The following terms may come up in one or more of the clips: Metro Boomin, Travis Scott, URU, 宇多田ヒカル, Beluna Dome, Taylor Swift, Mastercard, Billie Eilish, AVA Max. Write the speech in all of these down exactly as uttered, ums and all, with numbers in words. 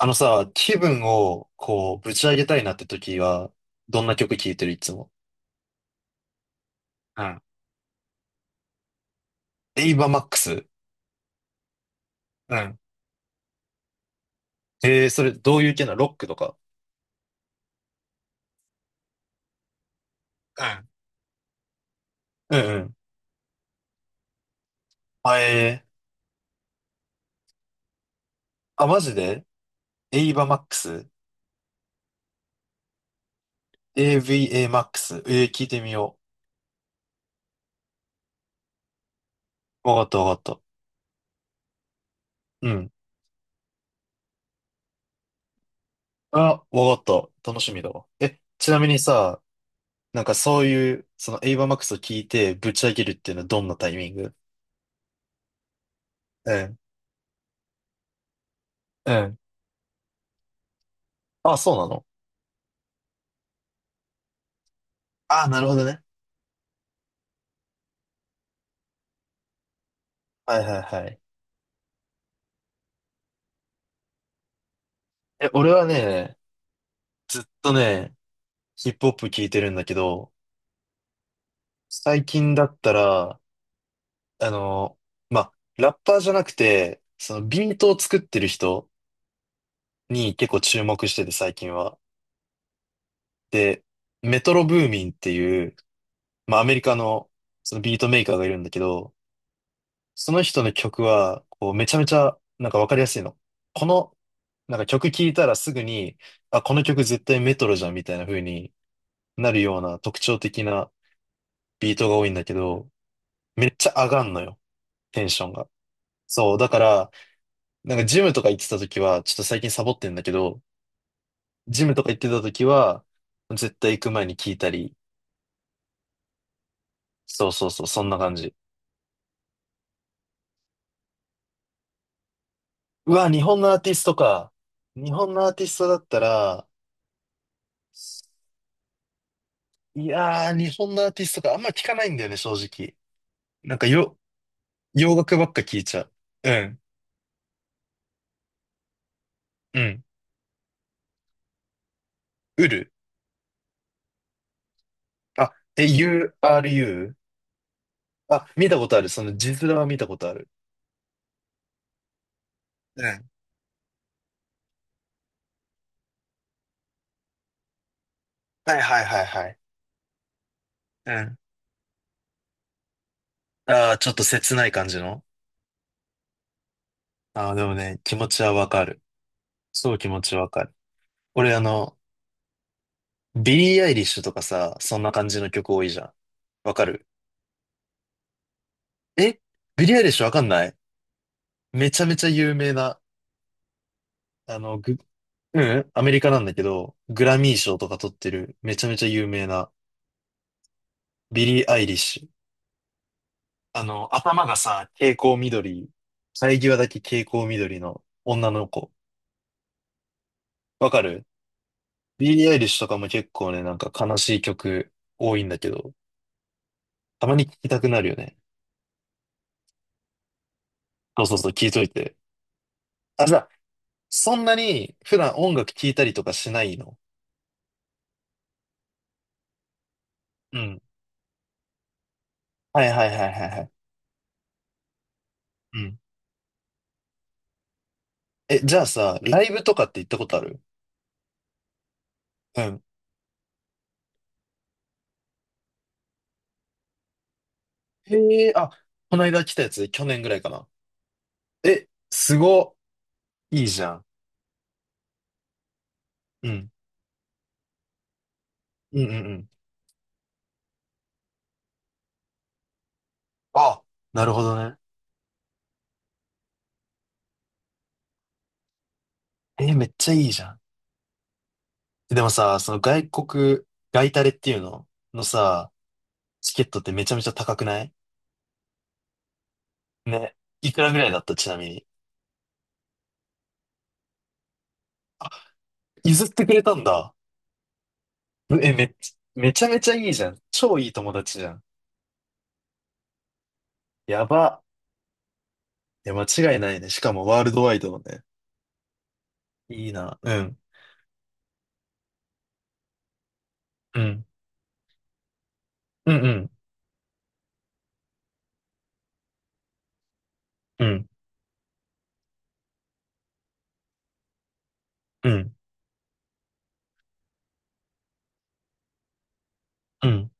あのさ、気分をこう、ぶち上げたいなって時は、どんな曲聴いてるいつも？うん、エイバーマックス。うん、ええそれどういう系なの？ロックとか？うん。うんうん。あ、えー、あ、マジでエイバーマックス？ エイバ マックス。えー、聞いてみよう。わかったわかった。うん。あ、わかった。楽しみだわ。え、ちなみにさ、なんかそういう、そのエイバーマックスを聞いてぶち上げるっていうのはどんなタイミング？うん。うん。あ、そうなの？あ、なるほどね。はいはいはい。え、俺はね、ずっとね、ヒップホップ聞いてるんだけど、最近だったら、あの、まあ、ラッパーじゃなくて、そのビートを作ってる人に結構注目してて最近は。で、メトロブーミンっていう、まあ、アメリカのそのビートメーカーがいるんだけど、その人の曲は、こう、めちゃめちゃ、なんかわかりやすいの。この、なんか曲聴いたらすぐに、あ、この曲絶対メトロじゃんみたいな風になるような特徴的なビートが多いんだけど、めっちゃ上がんのよ、テンションが。そう、だから、なんかジムとか行ってた時は、ちょっと最近サボってんだけど、ジムとか行ってた時は、絶対行く前に聞いたり、そうそうそう、そんな感じ。うわ、日本のアーティストか。日本のアーティストだったら、いやー、日本のアーティストか、あんま聞かないんだよね、正直。なんかよ、洋楽ばっか聞いちゃう。うん、うん。ウル。あ、え、ウル？ あ、見たことある。その字面は見たことある。はいはいはいはい。うん。ああ、ちょっと切ない感じの。ああ、でもね、気持ちはわかる。そう気持ちわかる。俺あの、ビリー・アイリッシュとかさ、そんな感じの曲多いじゃん。わかる？え、ビリー・アイリッシュわかんない？めちゃめちゃ有名な、あの、グ、うんアメリカなんだけど、グラミー賞とか取ってる、めちゃめちゃ有名な、ビリー・アイリッシュ。あの、頭がさ、蛍光緑、生え際だけ蛍光緑の女の子。わかる？ビーリー・アイリッシュとかも結構ね、なんか悲しい曲多いんだけど、たまに聴きたくなるよね。そうそうそう、聴いといて。あ、じゃあ、そんなに普段音楽聴いたりとかしないの？うん。はいはいはいはいはい。うん。え、じゃあさ、ライブとかって行ったことある？うん。へえ、あ、この間来たやつ、去年ぐらいかな。え、すご、いいじゃん。うん。うんうんうん。あ、なるほどね。え、めっちゃいいじゃん。でもさ、その外国、外タレっていうののさ、チケットってめちゃめちゃ高くない？ね。いくらぐらいだったちなみに。譲ってくれたんだ。え、めっちゃ、めちゃめちゃいいじゃん。超いい友達じゃん。やば。いや、間違いないね。しかもワールドワイドのね。いいな。うん。うん。うんうん。うん。うん。うん。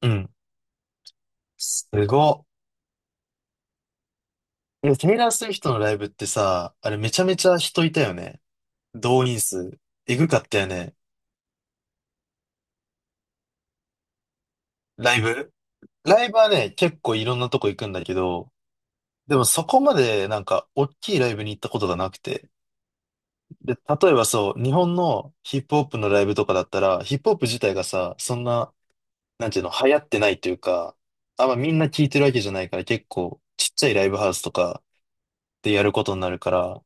うん。すごっ。え、テイラー・スウィフトのライブってさ、あれめちゃめちゃ人いたよね。動員数。えぐかったよね。ライブライブはね、結構いろんなとこ行くんだけど、でもそこまでなんか、おっきいライブに行ったことがなくて。で、例えばそう、日本のヒップホップのライブとかだったら、ヒップホップ自体がさ、そんな、なんていうの、流行ってないというか、あんまみんな聞いてるわけじゃないから、結構、ちっちゃいライブハウスとかでやることになるから、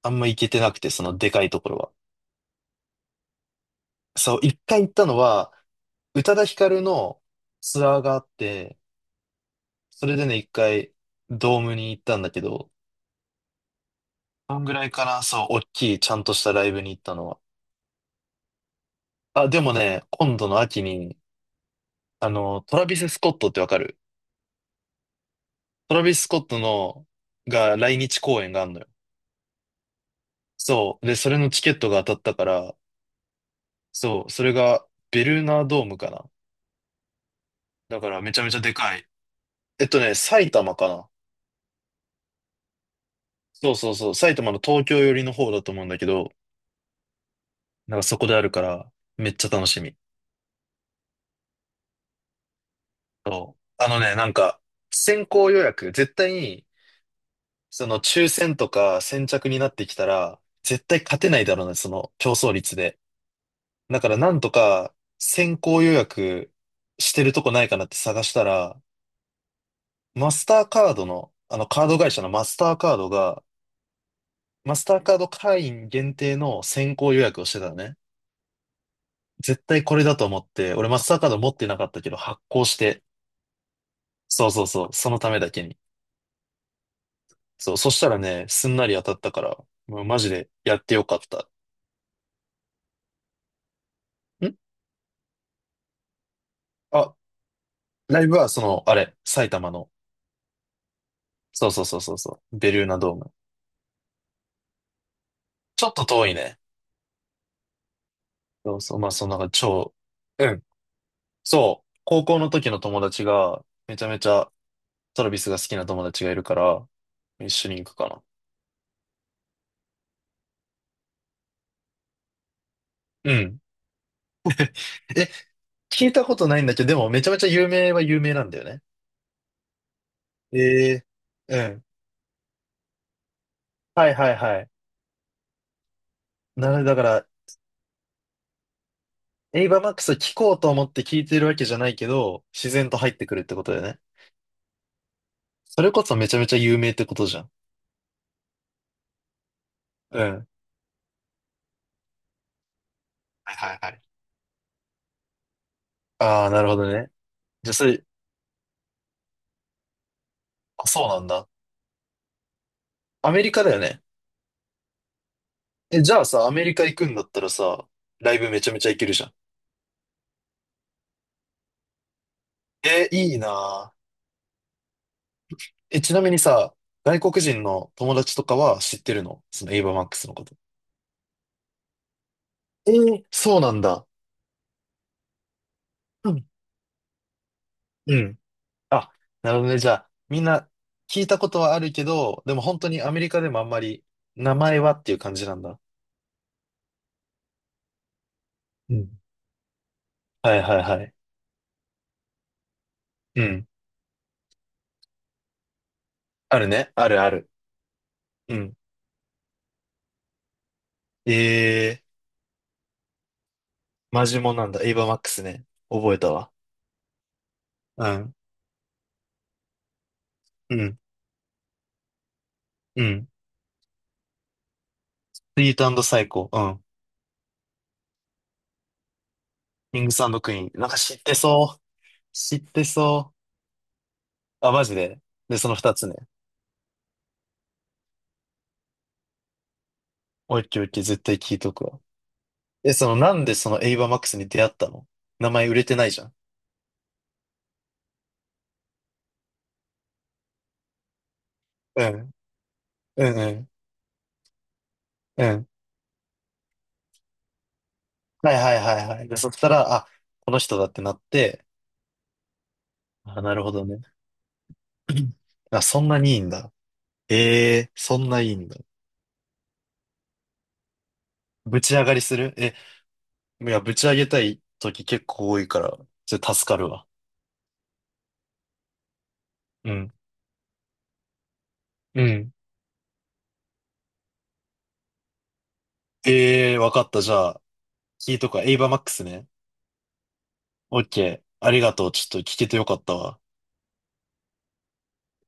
あんま行けてなくて、そのでかいところは。そう、一回行ったのは、宇多田ヒカルのツアーがあって、それでね、一回、ドームに行ったんだけど、そんぐらいかな、そう、大きい、ちゃんとしたライブに行ったのは。あ、でもね、今度の秋に、あの、トラビス・スコットってわかる？トラビス・スコットの、が来日公演があんのよ。そう。で、それのチケットが当たったから、そう、それがベルーナドームかな。だからめちゃめちゃでかい。えっとね、埼玉かな。そうそうそう。埼玉の東京寄りの方だと思うんだけど、なんかそこであるから、めっちゃ楽しみ。そう。あのね、なんか、先行予約、絶対に、その抽選とか先着になってきたら、絶対勝てないだろうね、その競争率で。だからなんとか先行予約してるとこないかなって探したら、マスターカードの、あのカード会社のマスターカードが、マスターカード会員限定の先行予約をしてたのね。絶対これだと思って、俺マスターカード持ってなかったけど発行して、そうそうそう、そのためだけに。そう、そしたらね、すんなり当たったから、もうマジでやってよかった。んあ、ライブはその、あれ、埼玉の、そうそうそうそうそう、ベルーナドーム。ちょっと遠いね。そうそう、まあ、そんな感じ、超、うん。そう、高校の時の友達が、めちゃめちゃトラビスが好きな友達がいるから、一緒に行くかな。うん。え、聞いたことないんだけど、でもめちゃめちゃ有名は有名なんだよね。ええうん。はいはいはい。なので、だから、エイバーマックス聞こうと思って聞いてるわけじゃないけど、自然と入ってくるってことだよね。それこそめちゃめちゃ有名ってことじゃん。うん。はいはいはい。ああ、なるほどね。じゃあ、それ、あ、そうなんだ。アメリカだよね。え、じゃあさ、アメリカ行くんだったらさ、ライブめちゃめちゃ行けるじゃん。え、いいなぁ。え、ちなみにさ、外国人の友達とかは知ってるの？そのエイバーマックスのこと。えー、そうなんだ。うん。うん。あ、なるほどね。じゃあ、みんな聞いたことはあるけど、でも本当にアメリカでもあんまり名前はっていう感じなんだ。うん。はいはいはい。うん。あるね。あるある。うん。えー、マジモンなんだ。エイバーマックスね。覚えたわ。うん。うん。うん。スイートサイコ。キングスクイーン。なんか知ってそう。知ってそう。あ、マジで。で、その二つね。オッケーオッケー、絶対聞いとくわ。え、その、なんでそのエイバーマックスに出会ったの？名前売れてないじゃん。うん。うんうん。うん。はいはいはいはい。で、そしたら、あ、この人だってなって、あ、なるほどね。あ、そんなにいいんだ。ええそんないいんだ。ぶち上がりする？え、いや、ぶち上げたい時結構多いから、それ助かるわ。うん。うん。ええわかった。じゃあ、聞いとくわ。エイバーマックスね。オッケー。ありがとう。ちょっと聞けてよかったわ。